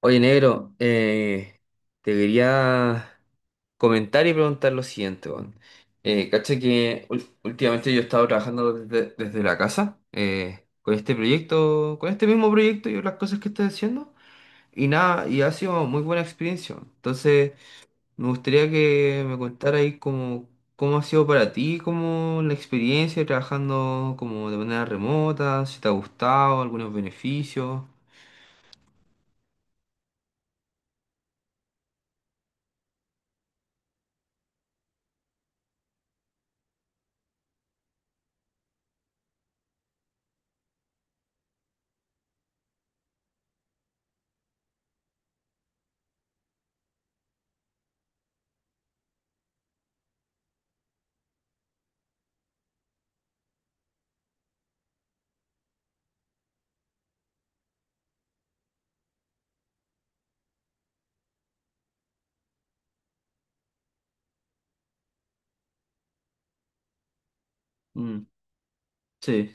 Oye, negro, te quería comentar y preguntar lo siguiente, weón. Cacha que últimamente yo he estado trabajando desde la casa con este proyecto, con este mismo proyecto y las cosas que estoy haciendo y nada, y ha sido muy buena experiencia. Weón. Entonces, me gustaría que me contara ahí cómo ha sido para ti, cómo la experiencia trabajando como de manera remota, si te ha gustado, algunos beneficios. Mm, sí.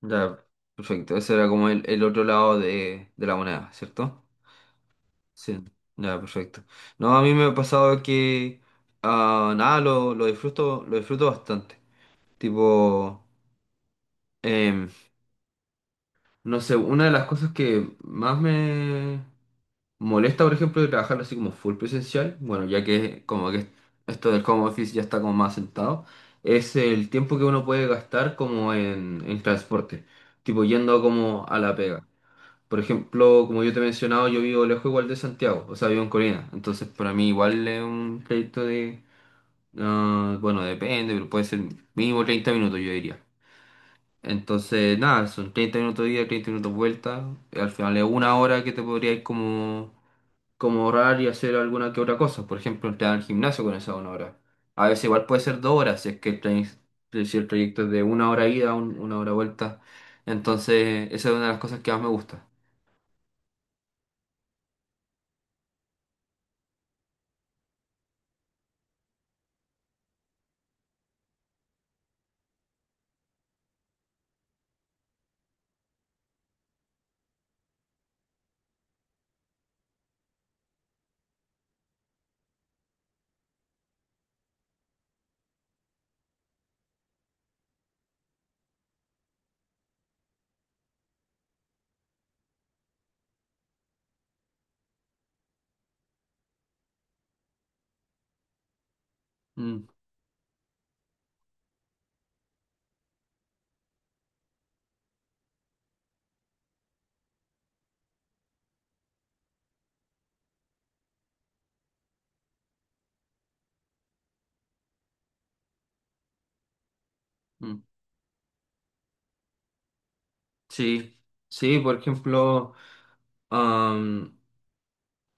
Ya, perfecto. Ese era como el otro lado de la moneda, ¿cierto? Sí, ya, perfecto. No, a mí me ha pasado ah, nada, lo disfruto bastante. Tipo, em, no sé, una de las cosas que más me molesta, por ejemplo, de trabajar así como full presencial, bueno, ya que como que esto del home office ya está como más sentado, es el tiempo que uno puede gastar como en transporte, tipo yendo como a la pega. Por ejemplo, como yo te he mencionado, yo vivo lejos igual de Santiago, o sea, vivo en Corina. Entonces, para mí igual es un trayecto de, ah, bueno, depende, pero puede ser mínimo 30 minutos, yo diría. Entonces, nada, son 30 minutos de ida, 30 minutos de vuelta. Al final es 1 hora que te podrías como ahorrar y hacer alguna que otra cosa. Por ejemplo, entrar al gimnasio con esa 1 hora. A veces igual puede ser 2 horas, si es que si el trayecto es de 1 hora ida, 1 hora vuelta. Entonces, esa es una de las cosas que más me gusta. Mm, mm. Sí, sí, por ejemplo, am,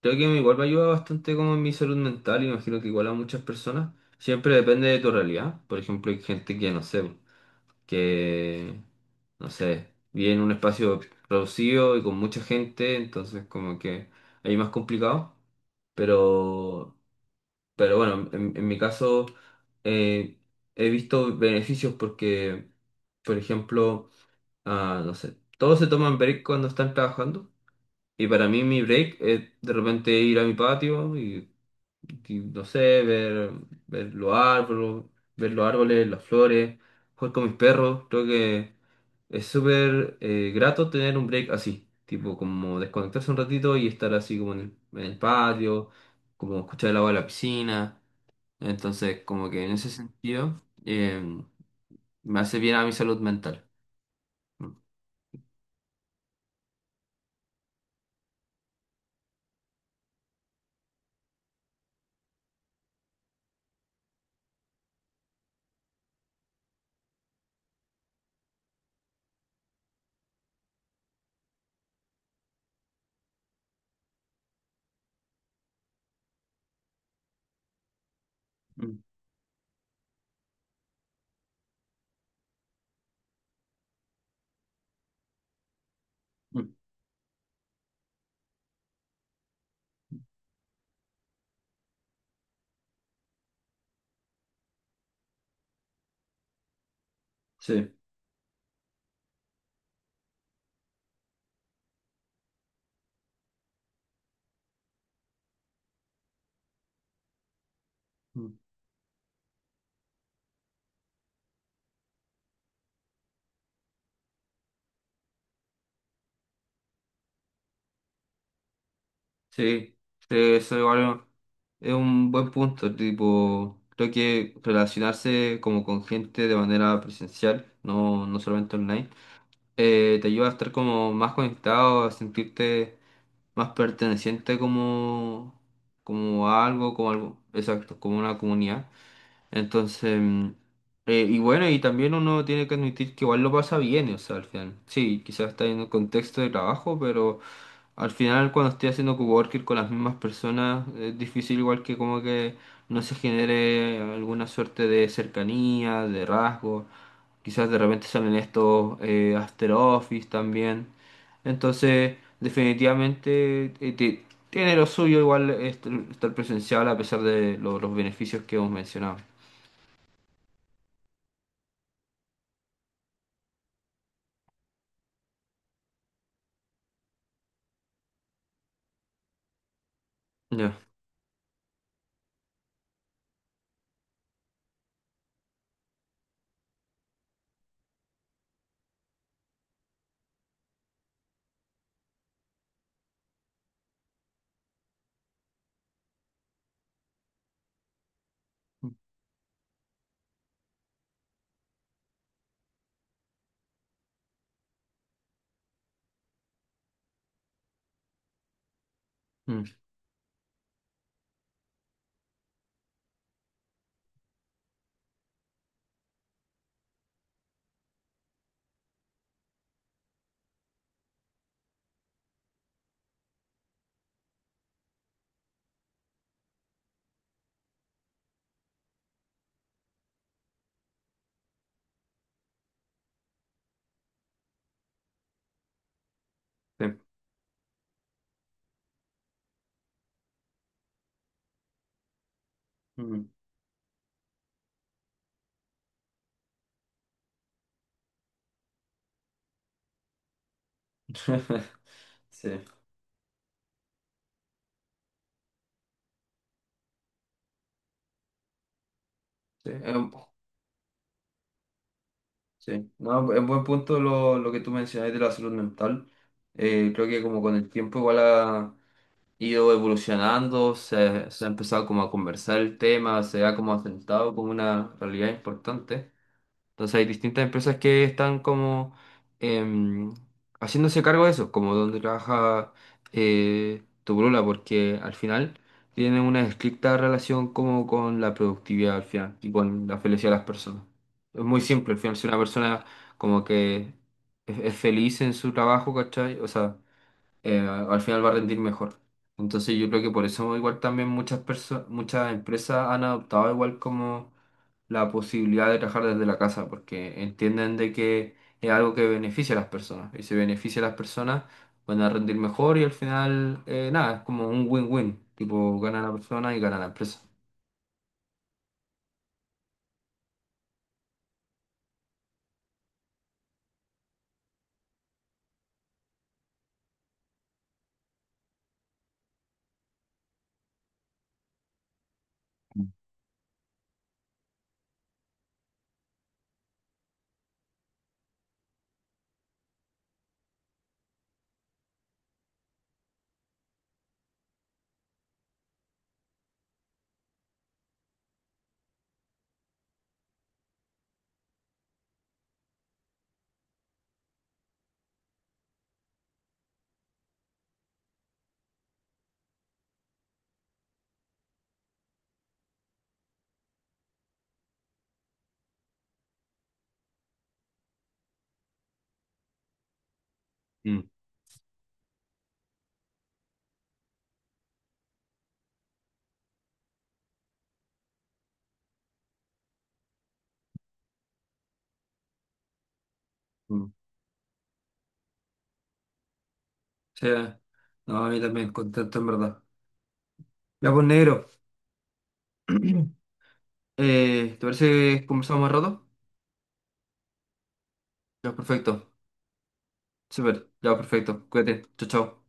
creo que igual me ayuda bastante como en mi salud mental, y me imagino que igual a muchas personas, siempre depende de tu realidad, por ejemplo, hay gente que no sé, vive en un espacio reducido y con mucha gente, entonces como que ahí es más complicado, pero, pero bueno, en mi caso eh, he visto beneficios porque, por ejemplo, ah, no sé. Todos se toman break cuando están trabajando. Y para mí mi break es de repente ir a mi patio y no sé, ver los árboles, ver los árboles, las flores, jugar con mis perros. Creo que es súper grato tener un break así. Tipo, como desconectarse un ratito y estar así como en en el patio, como escuchar el agua de la piscina. Entonces, como que en ese sentido, me hace bien a mi salud mental. Mm, mm, sí. Sí, sí, eso igual es un buen punto, tipo, creo que relacionarse como con gente de manera presencial, no solamente online, te ayuda a estar como más conectado, a sentirte más perteneciente como a algo, como algo, exacto, como una comunidad. Entonces, mm, y bueno, y también uno tiene que admitir que igual lo pasa bien, o sea, al final. Sí, quizás está en un contexto de trabajo, pero al final cuando estoy haciendo coworking con las mismas personas, es difícil igual que como que no se genere alguna suerte de cercanía, de rasgo. Quizás de repente salen estos after office también. Entonces, definitivamente tiene lo suyo igual estar presencial a pesar de los beneficios que hemos mencionado. Ya. Mm, sí. Mm. Sí, sí, sí. No, es buen punto lo que tú mencionaste de la salud mental. Creo que como con el tiempo igual ha ido evolucionando, se ha empezado como a conversar el tema, se ha como asentado como una realidad importante. Entonces hay distintas empresas que están como em, haciéndose cargo de eso, como donde trabaja tu polola, porque al final tiene una estricta relación como con la productividad al final y con la felicidad de las personas. Es muy simple, al final si una persona como que es feliz en su trabajo, ¿cachai? O sea, al final va a rendir mejor. Entonces yo creo que por eso igual también muchas personas, muchas empresas han adoptado igual como la posibilidad de trabajar desde la casa, porque entienden de que es algo que beneficia a las personas. Y si beneficia a las personas, van a rendir mejor y al final, nada, es como un win-win. Tipo, gana la persona y gana la empresa. Mm. Mm. Sí, no, a mí también contento en verdad. Ya pues negro, ¿te parece que conversamos más rato? Ya, perfecto. Súper, ya, perfecto. Cuídate. Chao, chao.